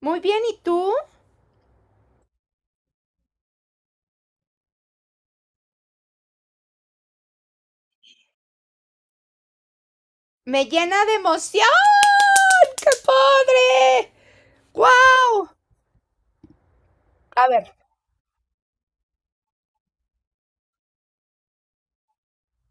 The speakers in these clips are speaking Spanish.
Muy bien, ¿y tú? Me llena de emoción. ¡Qué padre! Guau. A ver,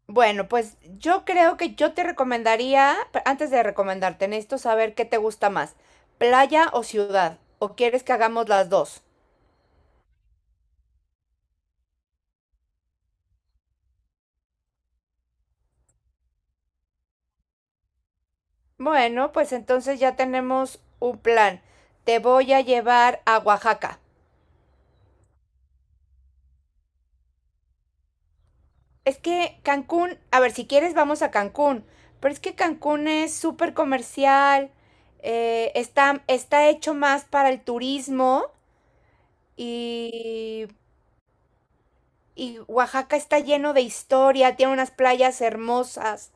bueno, pues yo creo que yo te recomendaría, antes de recomendarte, necesito saber qué te gusta más, playa o ciudad, o quieres que hagamos las dos. Bueno, pues entonces ya tenemos un plan. Te voy a llevar a Oaxaca. Es que Cancún, a ver, si quieres vamos a Cancún, pero es que Cancún es súper comercial, está hecho más para el turismo y y Oaxaca está lleno de historia, tiene unas playas hermosas,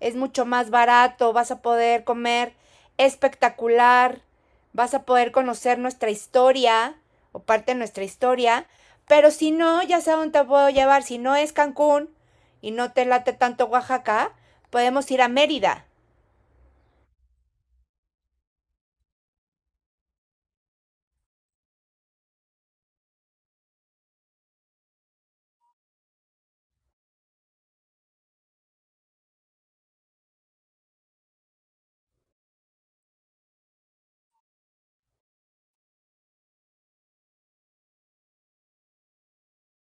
es mucho más barato, vas a poder comer espectacular, vas a poder conocer nuestra historia o parte de nuestra historia, pero si no, ya sé a dónde te puedo llevar, si no es Cancún y no te late tanto Oaxaca, podemos ir a Mérida.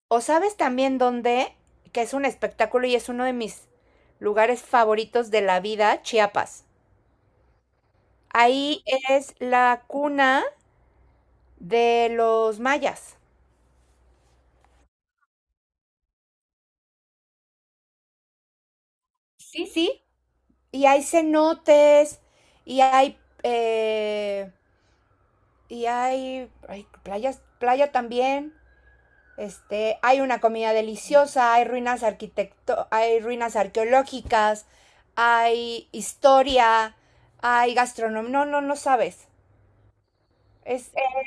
O sabes también dónde, que es un espectáculo y es uno de mis lugares favoritos de la vida, Chiapas. Ahí es la cuna de los mayas. Sí, sí. Y hay cenotes, y hay, eh, y hay playas, playa también. Este, hay una comida deliciosa, hay ruinas arqueológicas, hay historia, hay gastronomía. No, no, no sabes. Es, eh,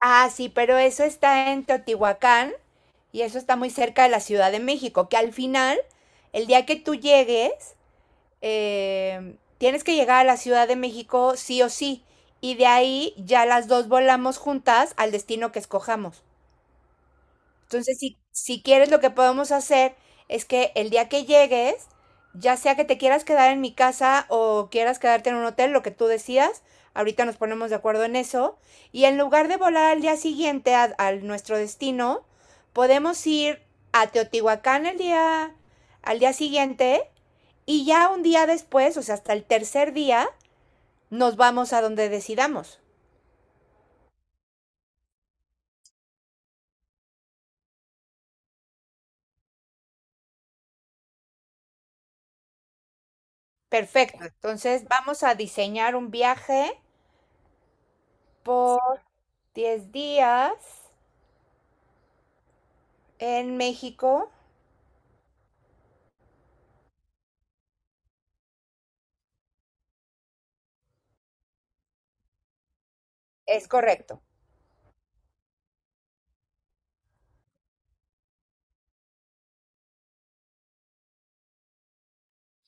ah, sí, pero eso está en Teotihuacán y eso está muy cerca de la Ciudad de México, que al final, el día que tú llegues, tienes que llegar a la Ciudad de México sí o sí. Y de ahí ya las dos volamos juntas al destino que escojamos. Entonces, si quieres, lo que podemos hacer es que el día que llegues, ya sea que te quieras quedar en mi casa o quieras quedarte en un hotel, lo que tú decidas, ahorita nos ponemos de acuerdo en eso, y en lugar de volar al día siguiente a nuestro destino, podemos ir a al día siguiente y ya un día después, o sea, hasta el tercer día, nos vamos a donde decidamos. Perfecto. Entonces vamos a diseñar un viaje por 10 días en México. Es correcto.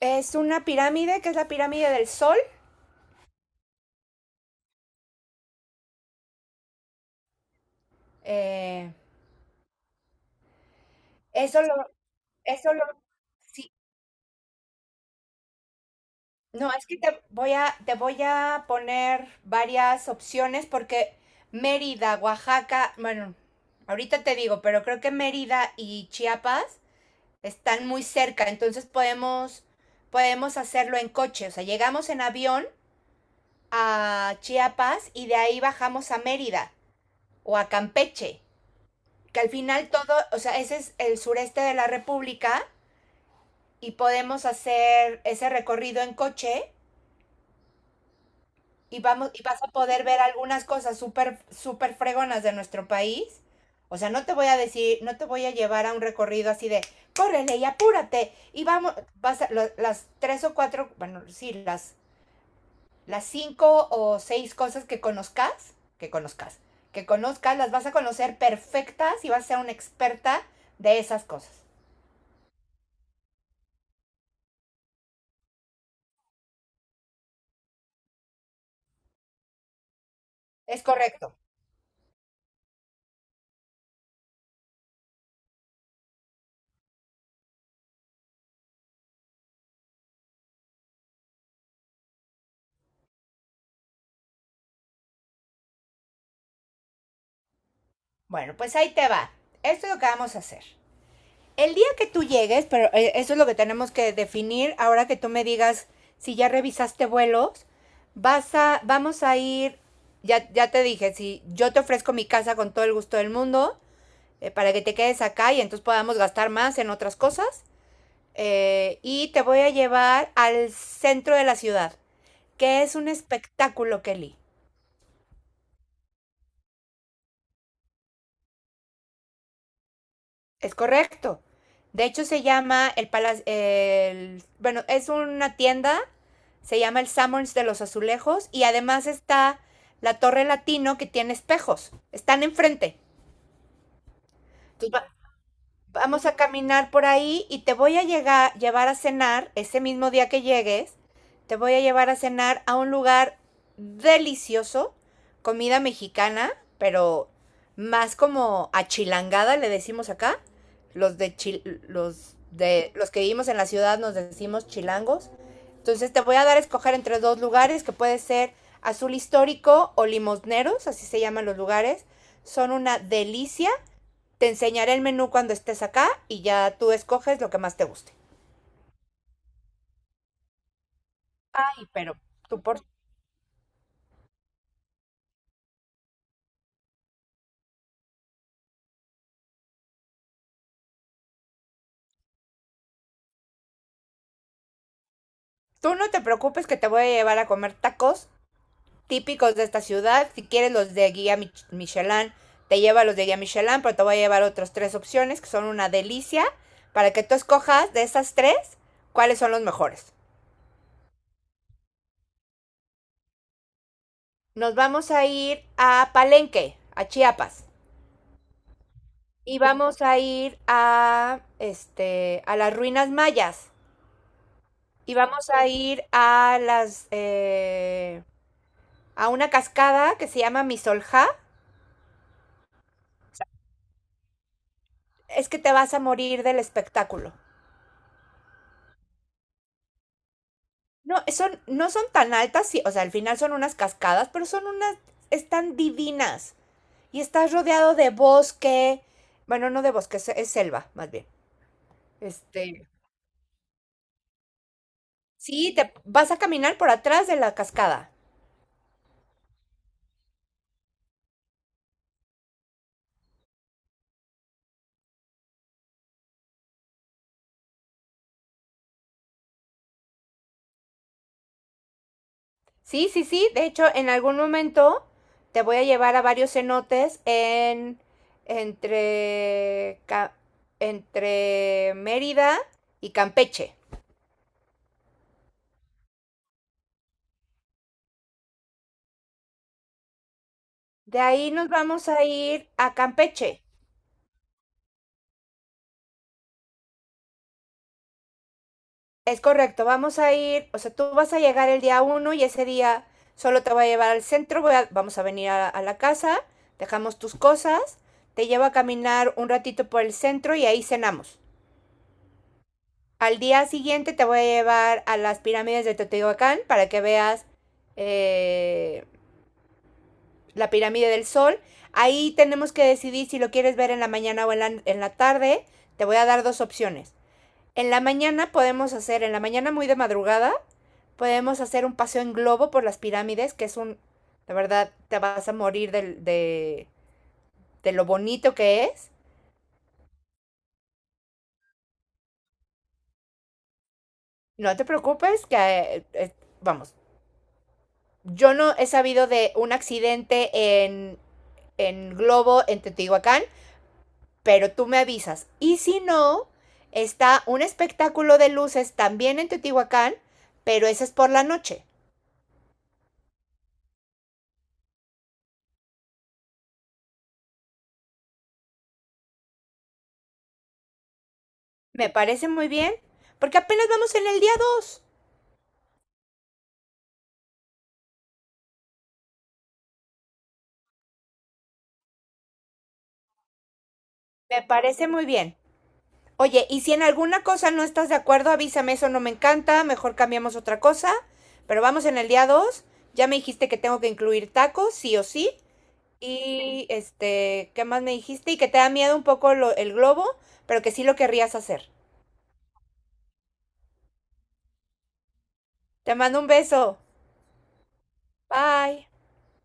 Es una pirámide que es la pirámide del Sol. Eh, eso lo, eso lo, sí. No, es que te voy a poner varias opciones porque Mérida, Oaxaca, bueno, ahorita te digo, pero creo que Mérida y Chiapas están muy cerca, entonces podemos hacerlo en coche. O sea, llegamos en avión a Chiapas y de ahí bajamos a Mérida, o a Campeche, que al final todo, o sea, ese es el sureste de la República y podemos hacer ese recorrido en coche y vamos y vas a poder ver algunas cosas súper fregonas de nuestro país. O sea, no te voy a decir, no te voy a llevar a un recorrido así de córrele y apúrate y vamos, las tres o cuatro, bueno, sí, las cinco o seis cosas que conozcas, las vas a conocer perfectas y vas a ser una experta de esas cosas. Es correcto. Bueno, pues ahí te va. Esto es lo que vamos a hacer. El día que tú llegues, pero eso es lo que tenemos que definir ahora que tú me digas si ya revisaste vuelos, vamos a ir, ya te dije, si yo te ofrezco mi casa con todo el gusto del mundo, para que te quedes acá y entonces podamos gastar más en otras cosas. Y te voy a llevar al centro de la ciudad, que es un espectáculo, Kelly. Es correcto. De hecho, se llama bueno, es una tienda, se llama el Summers de los Azulejos y además está la Torre Latino que tiene espejos. Están enfrente. Entonces, va- Vamos a caminar por ahí y te voy a llevar a cenar, ese mismo día que llegues, te voy a llevar a cenar a un lugar delicioso, comida mexicana, pero más como achilangada le decimos acá. Los de los que vivimos en la ciudad nos decimos chilangos. Entonces te voy a dar a escoger entre dos lugares que puede ser Azul Histórico o Limosneros, así se llaman los lugares. Son una delicia, te enseñaré el menú cuando estés acá y ya tú escoges lo que más te guste. Ay, pero tú, por... tú no te preocupes que te voy a llevar a comer tacos típicos de esta ciudad. Si quieres los de guía Michelin, te lleva los de guía Michelin, pero te voy a llevar otras tres opciones que son una delicia para que tú escojas de esas tres cuáles son los mejores. Nos vamos a ir a Palenque, a Chiapas. Y vamos a ir a este a las ruinas mayas. Y vamos a ir a las a una cascada que se llama Misolja. Es que te vas a morir del espectáculo. No, no son tan altas, sí, o sea, al final son unas cascadas, pero son unas, están divinas. Y estás rodeado de bosque, bueno, no de bosque, es selva, más bien. Este, sí, te vas a caminar por atrás de la cascada. Sí, sí, sí. De hecho, en algún momento te voy a llevar a varios cenotes entre Ca- entre Mérida y Campeche. De ahí nos vamos a ir a Campeche. Es correcto, vamos a ir, o sea, tú vas a llegar el día 1 y ese día solo te voy a llevar al centro, vamos a venir a la casa, dejamos tus cosas, te llevo a caminar un ratito por el centro y ahí cenamos. Al día siguiente te voy a llevar a las pirámides de Teotihuacán para que veas eh, la pirámide del sol. Ahí tenemos que decidir si lo quieres ver en la mañana o en en la tarde. Te voy a dar dos opciones. En la mañana muy de madrugada, podemos hacer un paseo en globo por las pirámides, que es un, la verdad, te vas a morir de lo bonito que es. No te preocupes, que, vamos, yo no he sabido de un accidente en Globo, en Teotihuacán, pero tú me avisas. Y si no, está un espectáculo de luces también en Teotihuacán, pero ese es por la noche. Me parece muy bien, porque apenas vamos en el día 2. Me parece muy bien. Oye, y si en alguna cosa no estás de acuerdo, avísame, eso no me encanta, mejor cambiamos otra cosa, pero vamos en el día 2. Ya me dijiste que tengo que incluir tacos, sí o sí. Y este, ¿qué más me dijiste? Y que te da miedo un poco el globo, pero que sí lo querrías hacer. Te mando un beso. Bye.